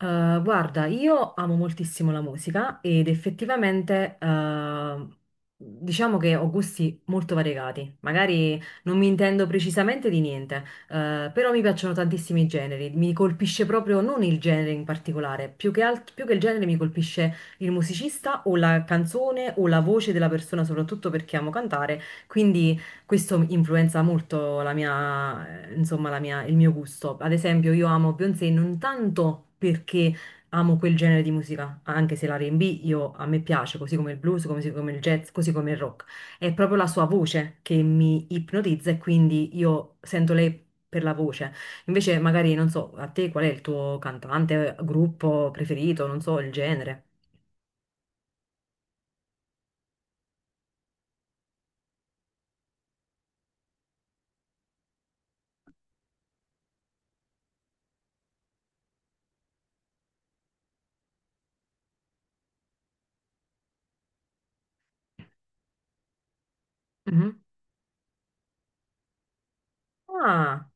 Guarda, io amo moltissimo la musica ed effettivamente diciamo che ho gusti molto variegati. Magari non mi intendo precisamente di niente, però mi piacciono tantissimi generi. Mi colpisce proprio non il genere in particolare, più che il genere mi colpisce il musicista o la canzone o la voce della persona, soprattutto perché amo cantare. Quindi questo influenza molto la mia, insomma, il mio gusto. Ad esempio, io amo Beyoncé non tanto perché amo quel genere di musica, anche se l'R&B a me piace, così come il blues, così come il jazz, così come il rock. È proprio la sua voce che mi ipnotizza e quindi io sento lei per la voce. Invece, magari, non so, a te qual è il tuo cantante, gruppo preferito, non so, il genere. Mhm. Ah,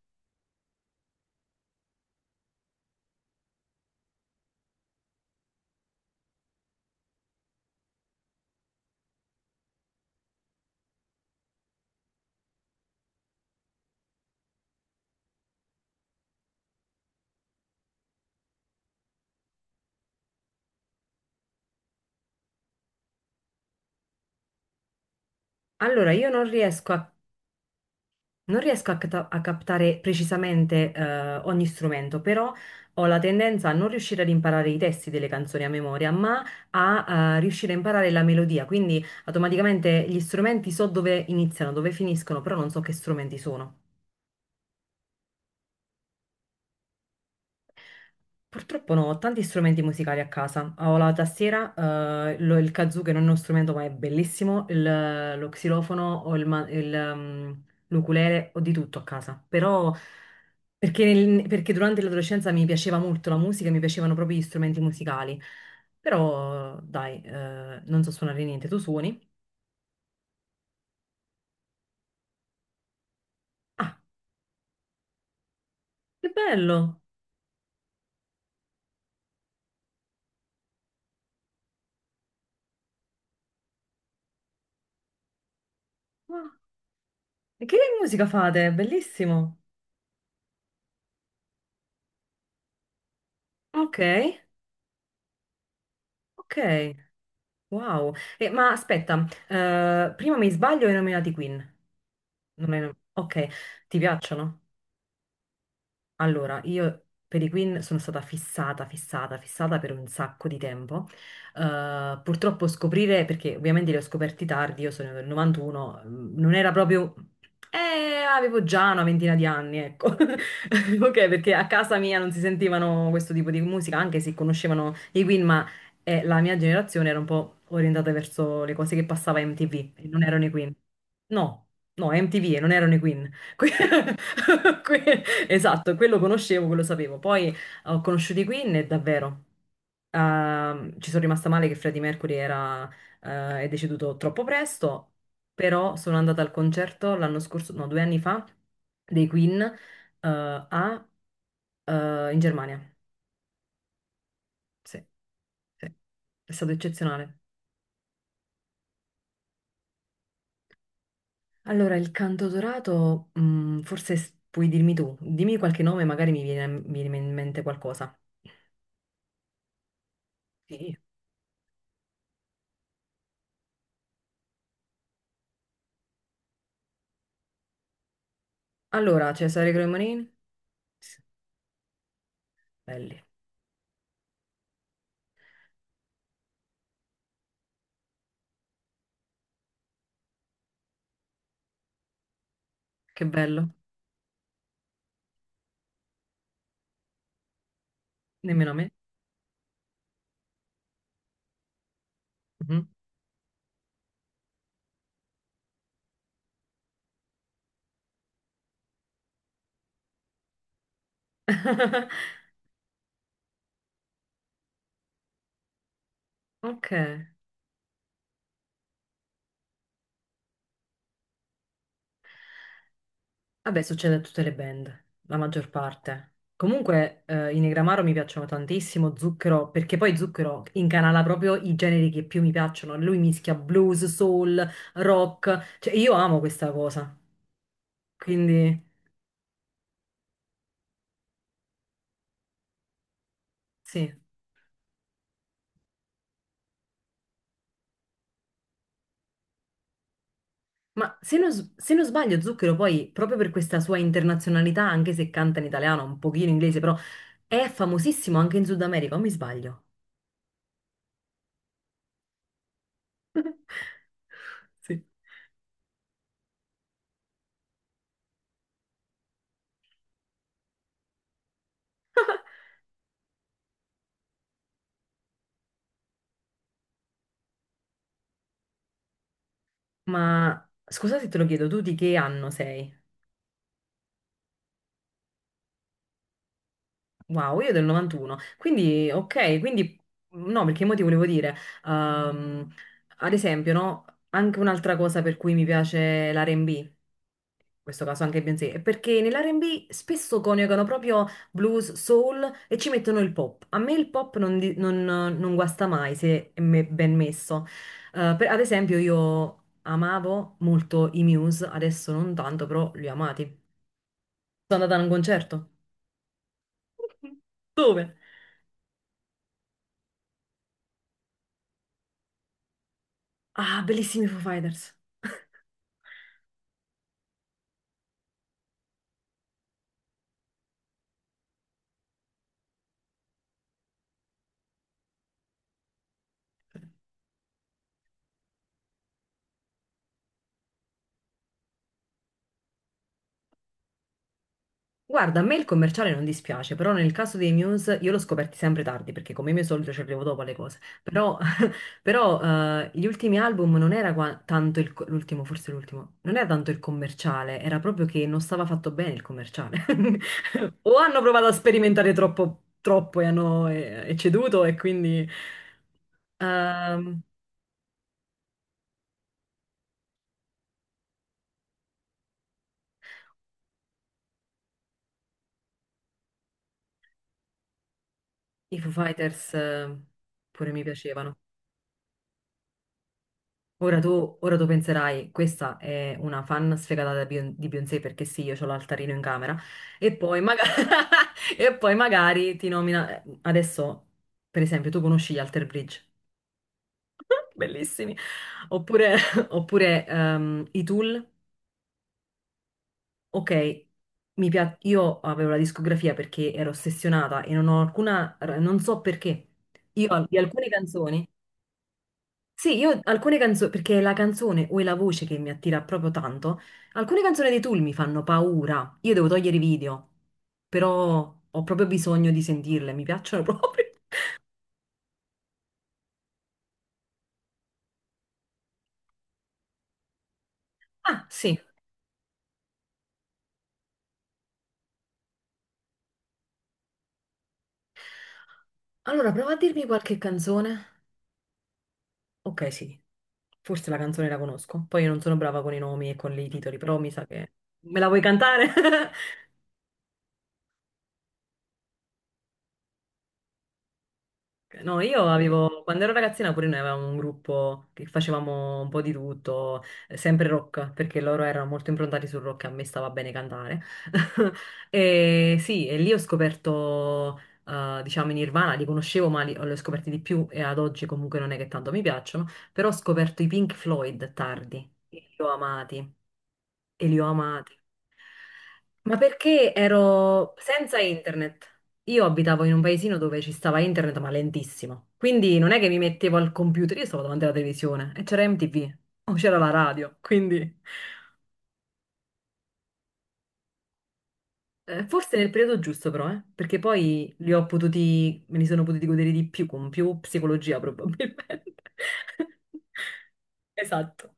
allora io non riesco a non riesco a, a captare precisamente ogni strumento, però ho la tendenza a non riuscire ad imparare i testi delle canzoni a memoria, ma a riuscire a imparare la melodia. Quindi automaticamente gli strumenti so dove iniziano, dove finiscono, però non so che strumenti sono. Purtroppo no, ho tanti strumenti musicali a casa. Ho la tastiera, il kazoo, che non è uno strumento ma è bellissimo, lo xilofono, ho l'ukulele, ho di tutto a casa. Però perché, perché durante l'adolescenza mi piaceva molto la musica, mi piacevano proprio gli strumenti musicali. Però dai, non so suonare niente. Tu suoni? Ah, che bello! Ah, e che musica fate? Bellissimo! Ok, ok. Wow! Ma aspetta, prima mi sbaglio e hai nominato i Queen. Non hai nom- Ok, ti piacciono? Allora, io per i Queen sono stata fissata, fissata, fissata per un sacco di tempo. Purtroppo scoprire, perché ovviamente li ho scoperti tardi, io sono del 91, mm, non era proprio... avevo già una ventina di anni, ecco. Ok, perché a casa mia non si sentivano questo tipo di musica, anche se conoscevano i Queen, ma la mia generazione era un po' orientata verso le cose che passava a MTV, e non erano i Queen. No, no, MTV e non erano i Queen. Que- Esatto, quello conoscevo, quello sapevo. Poi ho conosciuto i Queen e davvero ci sono rimasta male che Freddie Mercury era, è deceduto troppo presto, però sono andata al concerto l'anno scorso, no, 2 anni fa, dei Queen eh, a, in Germania. Sì, sì, è stato eccezionale. Allora, il canto dorato, mm, puoi dirmi tu, dimmi qualche nome, magari mi viene in mente qualcosa. Sì. Allora, Cesare Cremonini? Sì, belli, che bello, nemmeno a me. Mhm. Ok, vabbè, succede a tutte le band, la maggior parte. Comunque, i Negramaro mi piacciono tantissimo, Zucchero, perché poi Zucchero incanala proprio i generi che più mi piacciono. Lui mischia blues, soul, rock, cioè io amo questa cosa. Quindi, sì. Ma se non, se non sbaglio, Zucchero poi, proprio per questa sua internazionalità, anche se canta in italiano, un pochino in inglese, però è famosissimo anche in Sud America, o mi sbaglio? Sì. Ma scusa se te lo chiedo, tu di che anno sei? Wow, io del 91. Quindi, ok, quindi no, perché mo ti volevo dire, ehm, ad esempio, no, anche un'altra cosa per cui mi piace l'R&B. In questo caso anche Beyoncé, perché nell'R&B spesso coniugano proprio blues, soul e ci mettono il pop. A me il pop non, non guasta mai se è ben messo. Ad esempio io amavo molto i Muse, adesso non tanto, però li ho amati. Sono andata a un concerto. Dove? Ah, bellissimi Foo Fighters! Guarda, a me il commerciale non dispiace, però nel caso dei Muse io l'ho scoperti sempre tardi, perché come mio solito ci arrivo dopo alle cose. Però gli ultimi album non era tanto il, l'ultimo, forse l'ultimo, non era tanto il commerciale, era proprio che non stava fatto bene il commerciale. O hanno provato a sperimentare troppo, troppo e hanno e ceduto e quindi ehm, i Foo Fighters pure mi piacevano. Ora tu penserai, questa è una fan sfegata di Beyoncé, perché sì, io ho l'altarino in camera e poi, e poi magari ti nomina... Adesso, per esempio, tu conosci gli Alter Bridge, bellissimi, oppure, oppure i Tool, ok, io avevo la discografia perché ero ossessionata e non ho alcuna... non so perché, io di alcune canzoni... Sì, io alcune canzoni, perché è la canzone o è la voce che mi attira proprio tanto, alcune canzoni dei Tool mi fanno paura. Io devo togliere i video, però ho proprio bisogno di sentirle, mi piacciono proprio. Ah, sì. Allora, prova a dirmi qualche canzone. Ok, sì, forse la canzone la conosco. Poi io non sono brava con i nomi e con i titoli, però mi sa che... Me la vuoi cantare? Ok, no, io avevo, quando ero ragazzina pure noi avevamo un gruppo che facevamo un po' di tutto, sempre rock, perché loro erano molto improntati sul rock e a me stava bene cantare. E sì, e lì ho scoperto, diciamo, i Nirvana, li conoscevo ma li ho scoperti di più e ad oggi comunque non è che tanto mi piacciono, però ho scoperto i Pink Floyd tardi, e li ho amati, e li ho amati. Ma perché ero senza internet? Io abitavo in un paesino dove ci stava internet, ma lentissimo. Quindi non è che mi mettevo al computer, io stavo davanti alla televisione e c'era MTV o c'era la radio. Quindi forse nel periodo giusto, però, perché poi me li sono potuti godere di più, con più psicologia probabilmente. Esatto.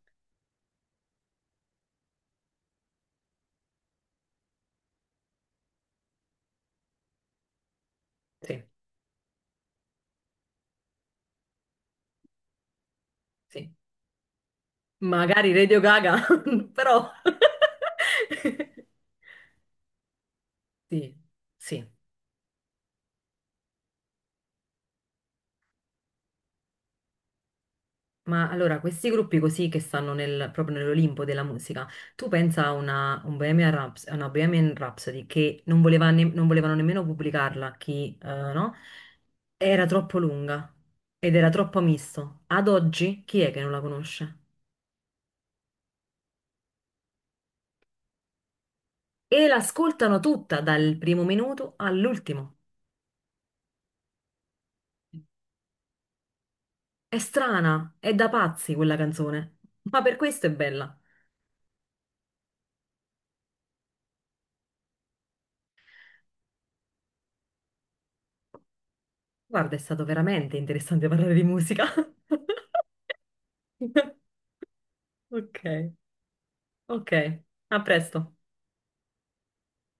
Sì, sì. Magari Radio Gaga, però. Sì, sì. Ma allora, questi gruppi così che stanno proprio nell'Olimpo della musica, tu pensa a una, a una Bohemian Rhapsody che non voleva non volevano nemmeno pubblicarla, chi, no? Era troppo lunga ed era troppo misto. Ad oggi chi è che non la conosce? E l'ascoltano tutta dal primo minuto all'ultimo. È strana, è da pazzi quella canzone, ma per questo è bella. Guarda, è stato veramente interessante parlare di musica. Ok. Ok, a presto.